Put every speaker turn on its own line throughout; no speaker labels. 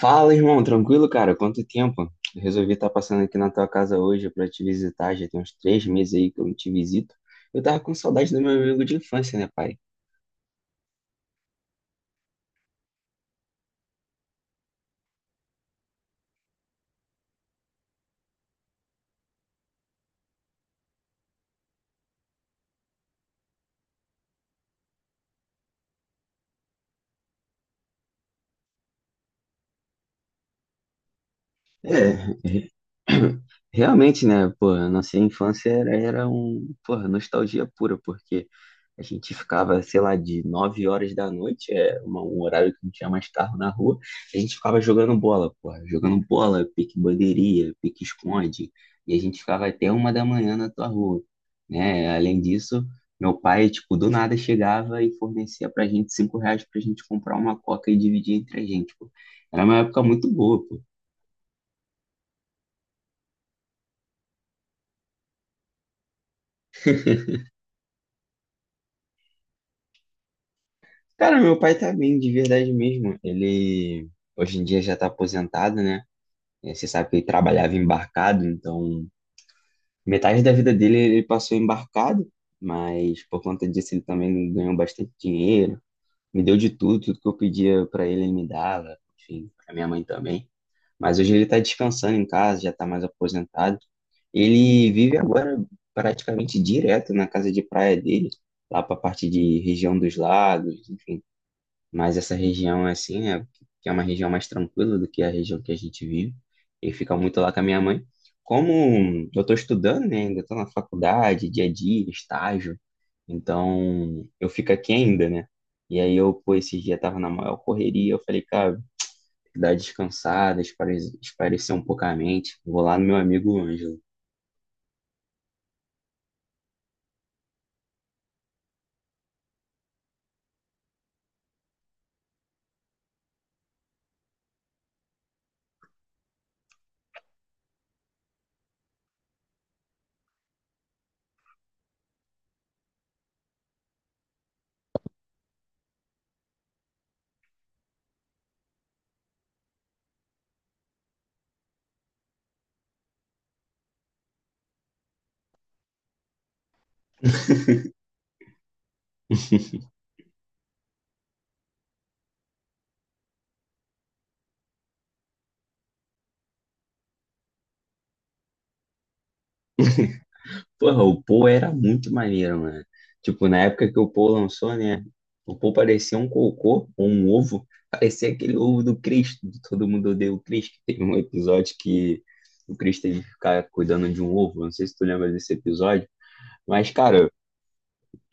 Fala, irmão, tranquilo, cara? Quanto tempo? Eu resolvi estar passando aqui na tua casa hoje para te visitar. Já tem uns 3 meses aí que eu não te visito. Eu tava com saudade do meu amigo de infância, né, pai? É, re- realmente, né, pô, a nossa infância era um, porra, nostalgia pura, porque a gente ficava, sei lá, de 9 horas da noite, é um horário que não tinha mais carro na rua, a gente ficava jogando bola, porra, jogando bola, pique bandeirinha, pique esconde, e a gente ficava até 1 da manhã na tua rua, né, além disso, meu pai, tipo, do nada chegava e fornecia pra gente R$ 5 pra gente comprar uma coca e dividir entre a gente, pô. Era uma época muito boa, pô. Cara, meu pai tá bem, de verdade mesmo. Ele hoje em dia já tá aposentado, né? É, você sabe que ele trabalhava embarcado, então metade da vida dele ele passou embarcado, mas por conta disso ele também ganhou bastante dinheiro, me deu de tudo, tudo que eu pedia pra ele, ele me dava, enfim, pra minha mãe também. Mas hoje ele tá descansando em casa, já tá mais aposentado. Ele vive agora praticamente direto na casa de praia dele, lá pra parte de região dos lagos, enfim. Mas essa região, assim, né, que é uma região mais tranquila do que a região que a gente vive, e fica muito lá com a minha mãe. Como eu estou estudando, né, ainda estou na faculdade, dia a dia, estágio, então eu fico aqui ainda, né? E aí eu, pô, esses dias tava na maior correria, eu falei, cara, dá descansada, esparecer um pouco a mente, vou lá no meu amigo Ângelo. Porra, o Paul era muito maneiro, mano. Tipo, na época que o Paul lançou, né? O Paul parecia um cocô ou um ovo. Parecia aquele ovo do Chris, do Todo Mundo Odeia o Chris, que teve um episódio que o Chris teve que ficar cuidando de um ovo. Não sei se tu lembra desse episódio. Mas, cara,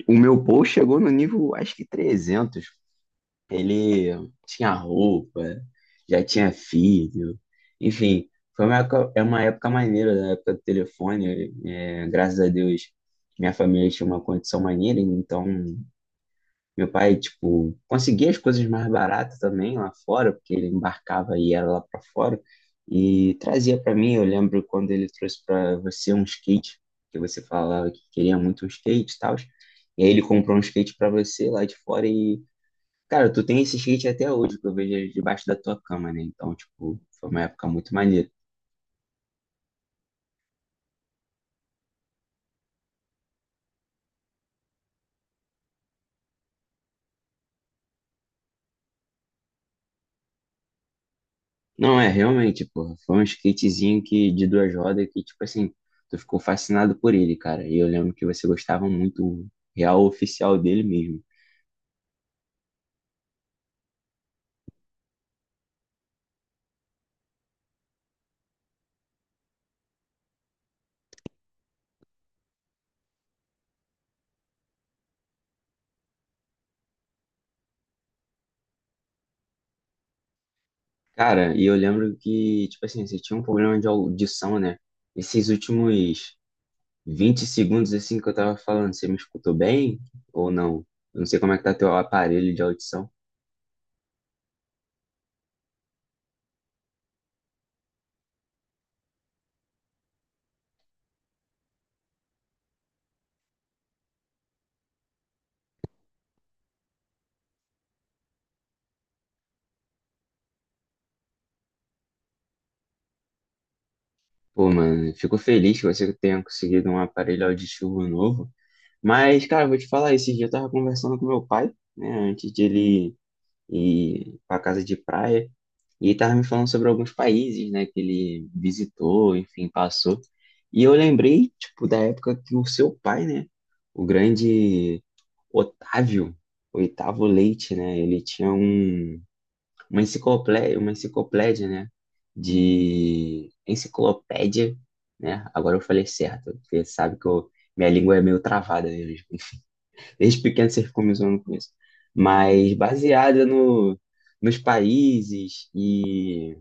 o meu Paul chegou no nível, acho que 300. Ele tinha roupa, já tinha filho, enfim, foi uma época, é uma época maneira, da época do telefone. É, graças a Deus, minha família tinha uma condição maneira, então meu pai, tipo, conseguia as coisas mais baratas também lá fora, porque ele embarcava e era lá para fora, e trazia para mim. Eu lembro quando ele trouxe para você um skate, que você falava que queria muito um skate e tal. E aí ele comprou um skate para você lá de fora e cara, tu tem esse skate até hoje que eu vejo debaixo da tua cama, né? Então, tipo, foi uma época muito maneira. Não, é, realmente, porra, foi um skatezinho que, de 2 rodas que, tipo assim, tu ficou fascinado por ele, cara. E eu lembro que você gostava muito, real oficial dele mesmo. Cara, e eu lembro que, tipo assim, você tinha um problema de audição, né? Esses últimos 20 segundos, assim, que eu tava falando, você me escutou bem ou não? Eu não sei como é que tá teu aparelho de audição. Pô, mano, fico feliz que você tenha conseguido um aparelho auditivo novo. Mas, cara, vou te falar, esse dia eu tava conversando com meu pai, né, antes de ele ir pra casa de praia, e ele tava me falando sobre alguns países, né, que ele visitou, enfim, passou. E eu lembrei, tipo, da época que o seu pai, né, o grande Otávio, Oitavo Leite, né, ele tinha um uma enciclopédia, né? De enciclopédia, né? Agora eu falei certo, porque sabe que eu, minha língua é meio travada mesmo. Desde pequeno você ficou me zoando com isso. Mas baseada no, nos países e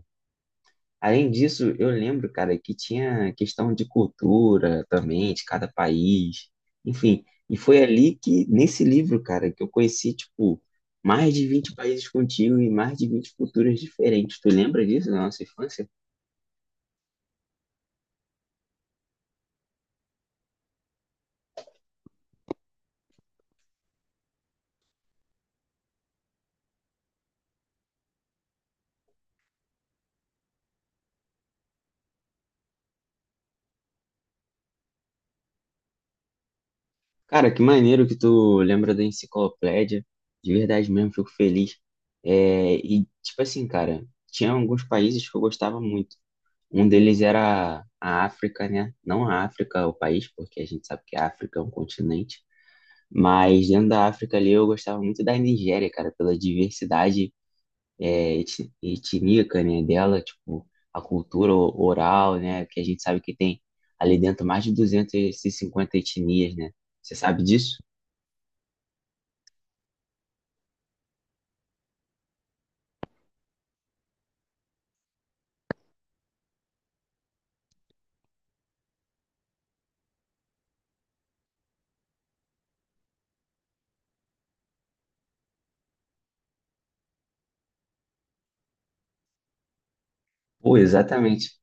além disso, eu lembro, cara, que tinha questão de cultura também, de cada país, enfim. E foi ali que, nesse livro, cara, que eu conheci, tipo, mais de 20 países contigo e mais de 20 culturas diferentes. Tu lembra disso da nossa infância? Cara, que maneiro que tu lembra da enciclopédia. De verdade mesmo, fico feliz. É, e, tipo assim, cara, tinha alguns países que eu gostava muito. Um deles era a África, né? Não a África, o país, porque a gente sabe que a África é um continente. Mas dentro da África ali eu gostava muito da Nigéria, cara, pela diversidade é, etnica, né, dela, tipo, a cultura oral, né, que a gente sabe que tem ali dentro mais de 250 etnias, né? Você sabe disso? Pô, exatamente.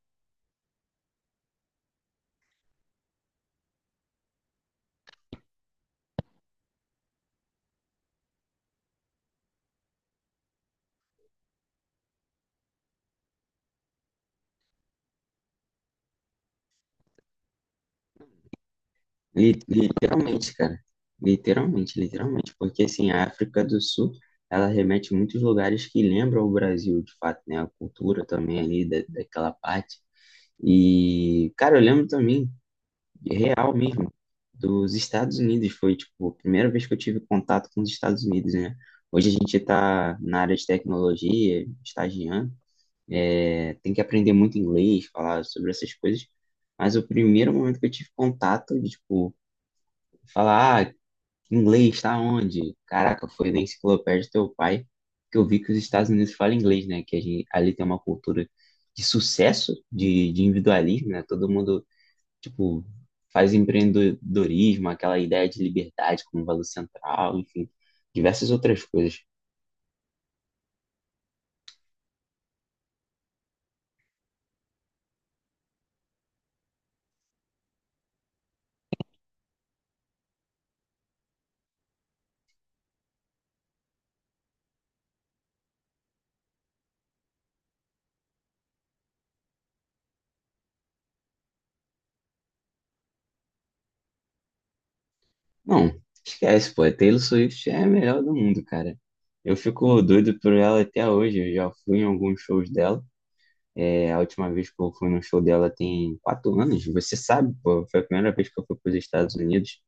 Literalmente, cara. Literalmente, literalmente. Porque, assim, a África do Sul, ela remete a muitos lugares que lembram o Brasil, de fato, né? A cultura também ali da, daquela parte. E, cara, eu lembro também, real mesmo, dos Estados Unidos. Foi, tipo, a primeira vez que eu tive contato com os Estados Unidos, né? Hoje a gente tá na área de tecnologia, estagiando. É, tem que aprender muito inglês, falar sobre essas coisas. Mas o primeiro momento que eu tive contato, de, tipo, falar, ah, inglês tá onde? Caraca, foi na enciclopédia do teu pai que eu vi que os Estados Unidos falam inglês, né? Que a gente, ali tem uma cultura de sucesso, de, individualismo, né? Todo mundo, tipo, faz empreendedorismo, aquela ideia de liberdade como valor central, enfim, diversas outras coisas. Não, esquece, pô. A Taylor Swift é a melhor do mundo, cara. Eu fico doido por ela até hoje. Eu já fui em alguns shows dela. É, a última vez que eu fui no show dela tem 4 anos. Você sabe, pô, foi a primeira vez que eu fui para os Estados Unidos.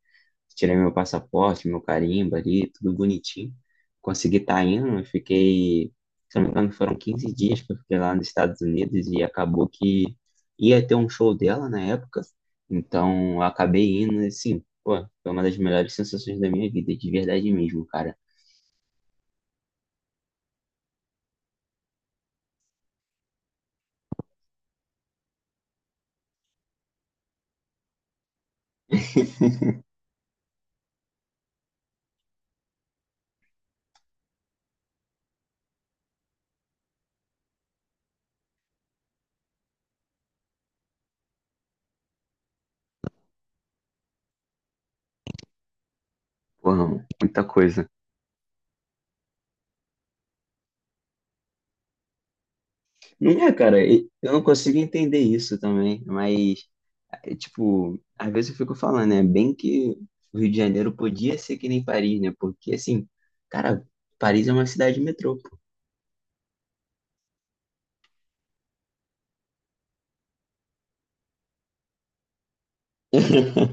Tirei meu passaporte, meu carimbo ali, tudo bonitinho. Consegui estar indo, eu fiquei, se não me engano, foram 15 dias que eu fiquei lá nos Estados Unidos e acabou que ia ter um show dela na época. Então, eu acabei indo e, assim, pô, foi uma das melhores sensações da minha vida, de verdade mesmo, cara. Porra, muita coisa. Não é, cara, eu não consigo entender isso também, mas é, tipo, às vezes eu fico falando, né? Bem que o Rio de Janeiro podia ser que nem Paris, né? Porque, assim, cara, Paris é uma cidade metrô, pô.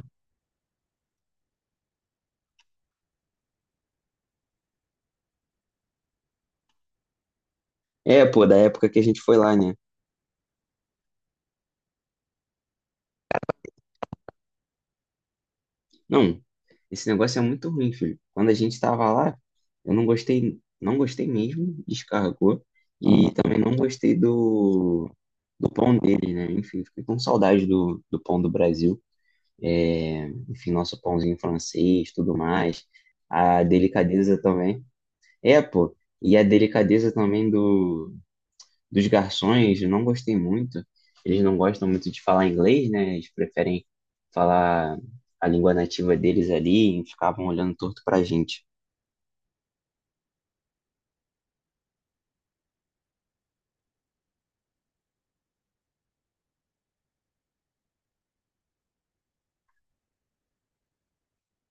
É, pô, da época que a gente foi lá, né? Não, esse negócio é muito ruim, filho. Quando a gente tava lá, eu não gostei, não gostei mesmo, descarregou. E também não gostei do, pão dele, né? Enfim, fiquei com saudade do, do pão do Brasil. É, enfim, nosso pãozinho francês, tudo mais. A delicadeza também. É, pô. E a delicadeza também do, dos garçons, eu não gostei muito. Eles não gostam muito de falar inglês, né? Eles preferem falar a língua nativa deles ali e ficavam olhando torto pra gente.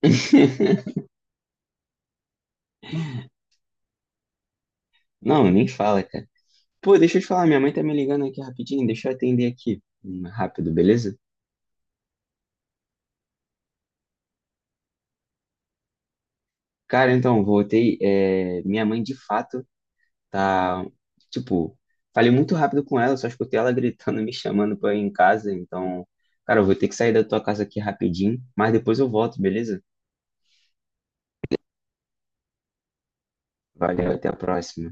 Não, nem fala, cara. Pô, deixa eu te falar, minha mãe tá me ligando aqui rapidinho, deixa eu atender aqui rápido, beleza? Cara, então, voltei. É, minha mãe de fato. Tá, tipo, falei muito rápido com ela, só escutei ela gritando, me chamando pra ir em casa. Então, cara, eu vou ter que sair da tua casa aqui rapidinho, mas depois eu volto, beleza? Valeu, até a próxima.